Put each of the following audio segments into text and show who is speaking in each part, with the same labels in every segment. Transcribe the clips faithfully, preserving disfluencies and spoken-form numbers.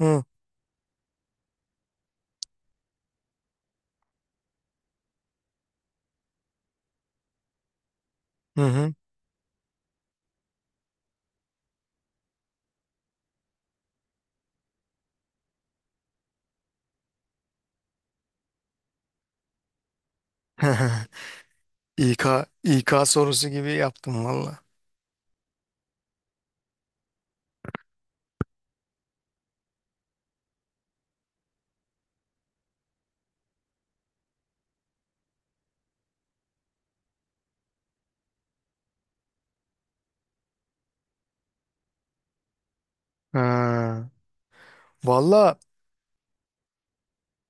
Speaker 1: Hı hı. Hı. İK, İK sorusu gibi yaptım valla. Ha. Valla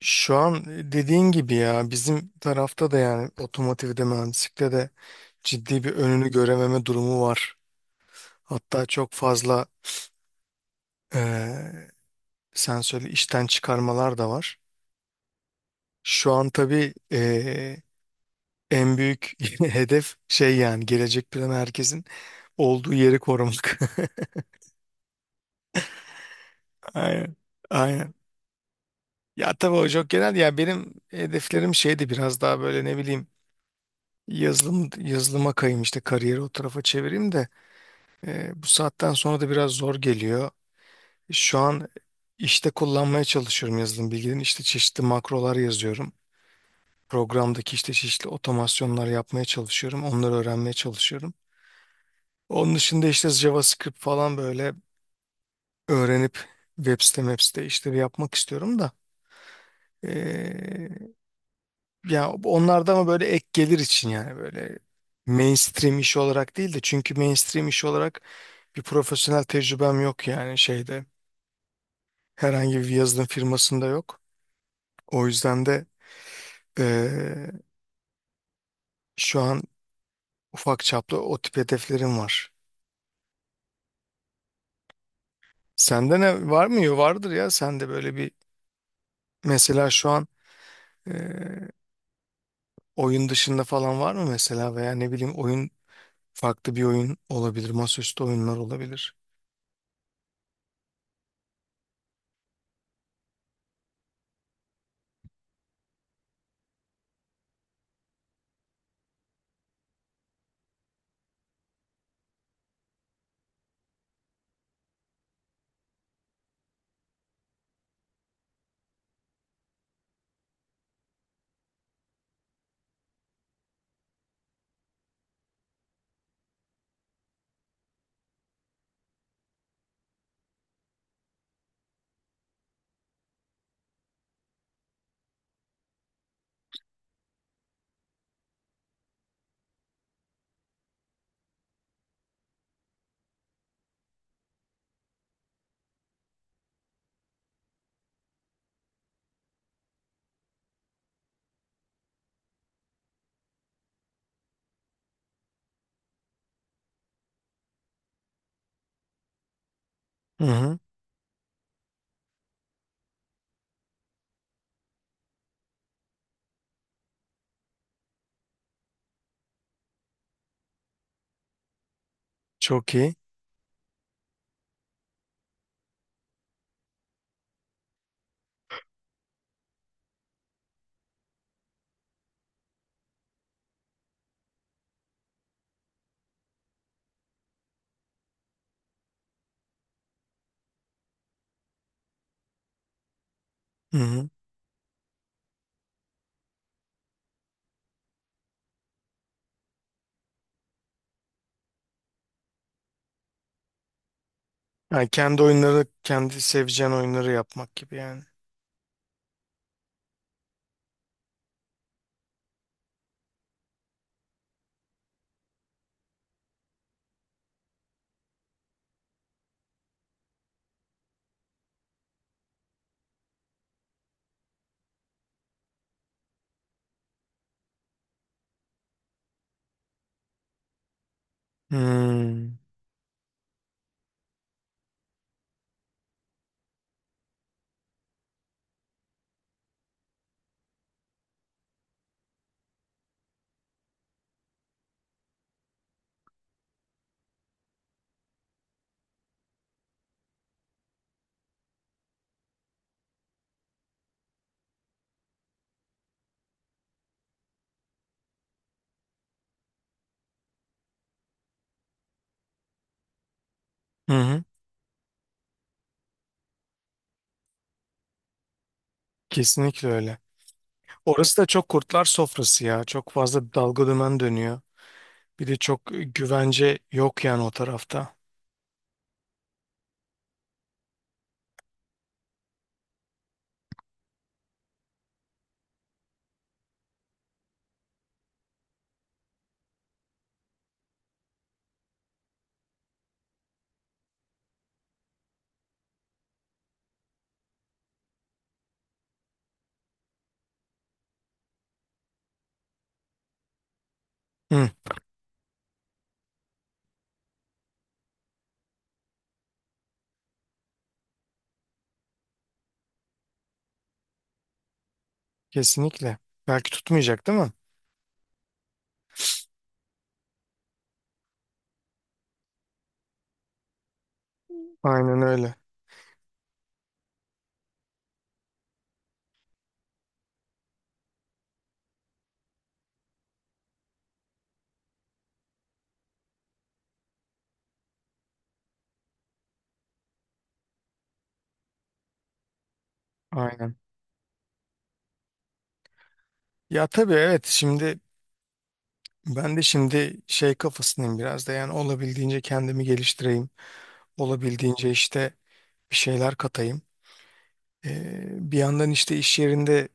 Speaker 1: şu an dediğin gibi ya bizim tarafta da yani otomotivde mühendislikte de ciddi bir önünü görememe durumu var. Hatta çok fazla eee sen söyle işten çıkarmalar da var. Şu an tabii eee, en büyük hedef şey yani gelecek planı herkesin olduğu yeri korumak. Aynen. Aynen. Ya tabii o çok genel. Ya benim hedeflerim şeydi biraz daha böyle ne bileyim yazılım yazılıma kayayım işte kariyeri o tarafa çevireyim de e, bu saatten sonra da biraz zor geliyor. Şu an işte kullanmaya çalışıyorum yazılım bilgilerini. İşte çeşitli makrolar yazıyorum. Programdaki işte çeşitli otomasyonlar yapmaya çalışıyorum. Onları öğrenmeye çalışıyorum. Onun dışında işte JavaScript falan böyle öğrenip web site, web site işleri yapmak istiyorum da. E, Ya onlarda ama böyle ek gelir için yani böyle mainstream iş olarak değil de çünkü mainstream iş olarak bir profesyonel tecrübem yok yani şeyde herhangi bir yazılım firmasında yok. O yüzden de eee, şu an ufak çaplı o tip hedeflerim var. Sende ne var mı? Yo, vardır ya sende böyle bir mesela şu an eee, oyun dışında falan var mı mesela veya ne bileyim oyun farklı bir oyun olabilir masaüstü oyunlar olabilir. Hı hı. Çok iyi. Hı hı. Yani kendi oyunları, kendi seveceğin oyunları yapmak gibi yani. Hmm. Hı hı. Kesinlikle öyle. Orası da çok kurtlar sofrası ya. Çok fazla dalga dümen dönüyor. Bir de çok güvence yok yani o tarafta. Hı. Kesinlikle. Belki tutmayacak değil mi? Aynen öyle. Aynen. Ya tabii evet şimdi ben de şimdi şey kafasındayım biraz da yani olabildiğince kendimi geliştireyim. Olabildiğince işte bir şeyler katayım. Ee, bir yandan işte iş yerinde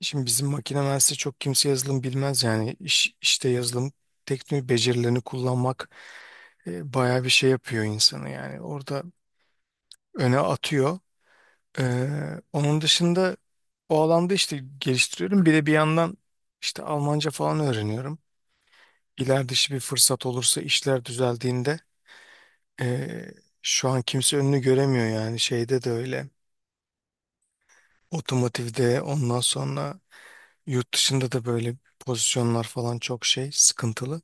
Speaker 1: şimdi bizim makine mühendisi çok kimse yazılım bilmez yani iş, işte yazılım teknik becerilerini kullanmak e, bayağı bir şey yapıyor insanı yani orada öne atıyor. Ee, onun dışında o alanda işte geliştiriyorum. Bir de bir yandan işte Almanca falan öğreniyorum. İler dışı bir fırsat olursa işler düzeldiğinde eee, şu an kimse önünü göremiyor yani şeyde de öyle otomotivde ondan sonra yurt dışında da böyle pozisyonlar falan çok şey sıkıntılı.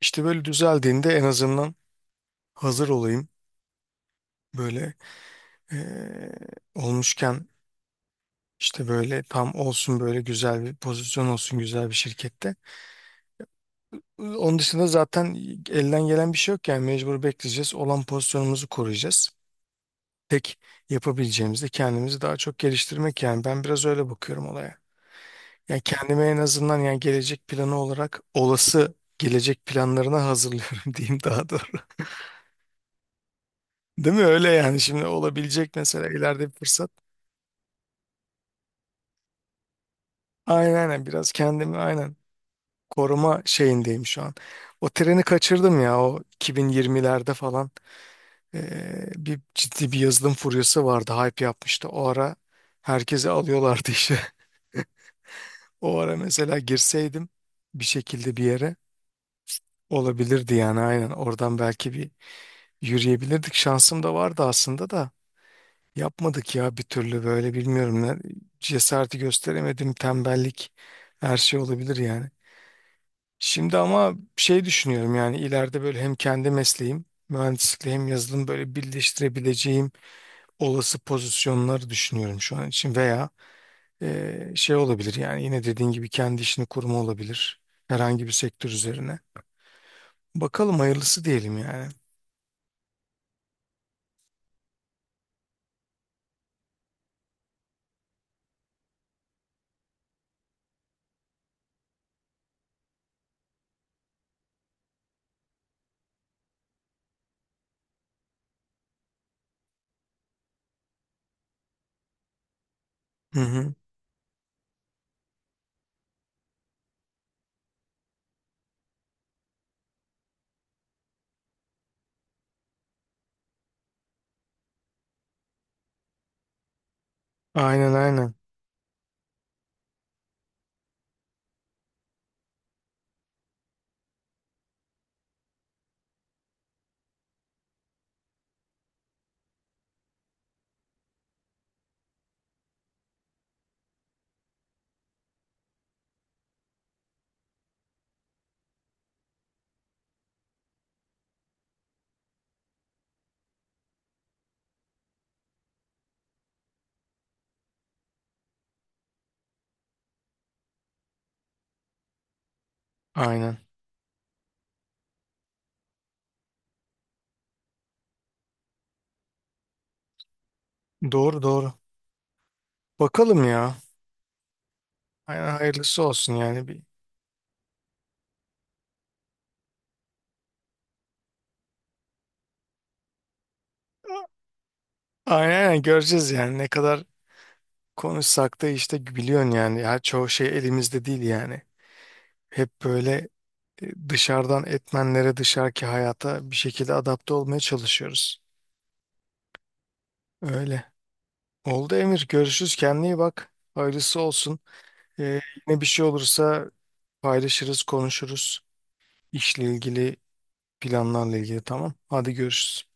Speaker 1: İşte böyle düzeldiğinde en azından hazır olayım böyle eee, olmuşken işte böyle tam olsun böyle güzel bir pozisyon olsun güzel bir şirkette. Onun dışında zaten elden gelen bir şey yok yani mecbur bekleyeceğiz olan pozisyonumuzu koruyacağız. Tek yapabileceğimiz de kendimizi daha çok geliştirmek yani ben biraz öyle bakıyorum olaya. Yani kendime en azından yani gelecek planı olarak olası gelecek planlarına hazırlıyorum diyeyim daha doğru. Değil mi? Öyle yani şimdi olabilecek mesela ileride bir fırsat. Aynen aynen biraz kendimi aynen koruma şeyindeyim şu an. O treni kaçırdım ya o iki bin yirmilerde falan eee, bir ciddi bir yazılım furyası vardı hype yapmıştı. O ara herkesi alıyorlardı işe. O ara mesela girseydim bir şekilde bir yere olabilirdi yani aynen oradan belki bir yürüyebilirdik. Şansım da vardı aslında da yapmadık ya bir türlü böyle bilmiyorum ne cesareti gösteremedim tembellik her şey olabilir yani. Şimdi ama şey düşünüyorum yani ileride böyle hem kendi mesleğim mühendislikle hem yazılım böyle birleştirebileceğim olası pozisyonları düşünüyorum şu an için veya eee, şey olabilir yani yine dediğin gibi kendi işini kurma olabilir herhangi bir sektör üzerine. Bakalım hayırlısı diyelim yani. Hı hı. Aynen aynen. Aynen. Doğru doğru. Bakalım ya. Aynen, hayırlısı olsun yani bir. Aynen aynen göreceğiz yani ne kadar konuşsak da işte biliyorsun yani ya çoğu şey elimizde değil yani. Hep böyle e, dışarıdan etmenlere dışarıki hayata bir şekilde adapte olmaya çalışıyoruz. Öyle. Oldu Emir. Görüşürüz. Kendine iyi bak. Hayırlısı olsun. E, yine bir şey olursa paylaşırız, konuşuruz. İşle ilgili planlarla ilgili tamam. Hadi görüşürüz.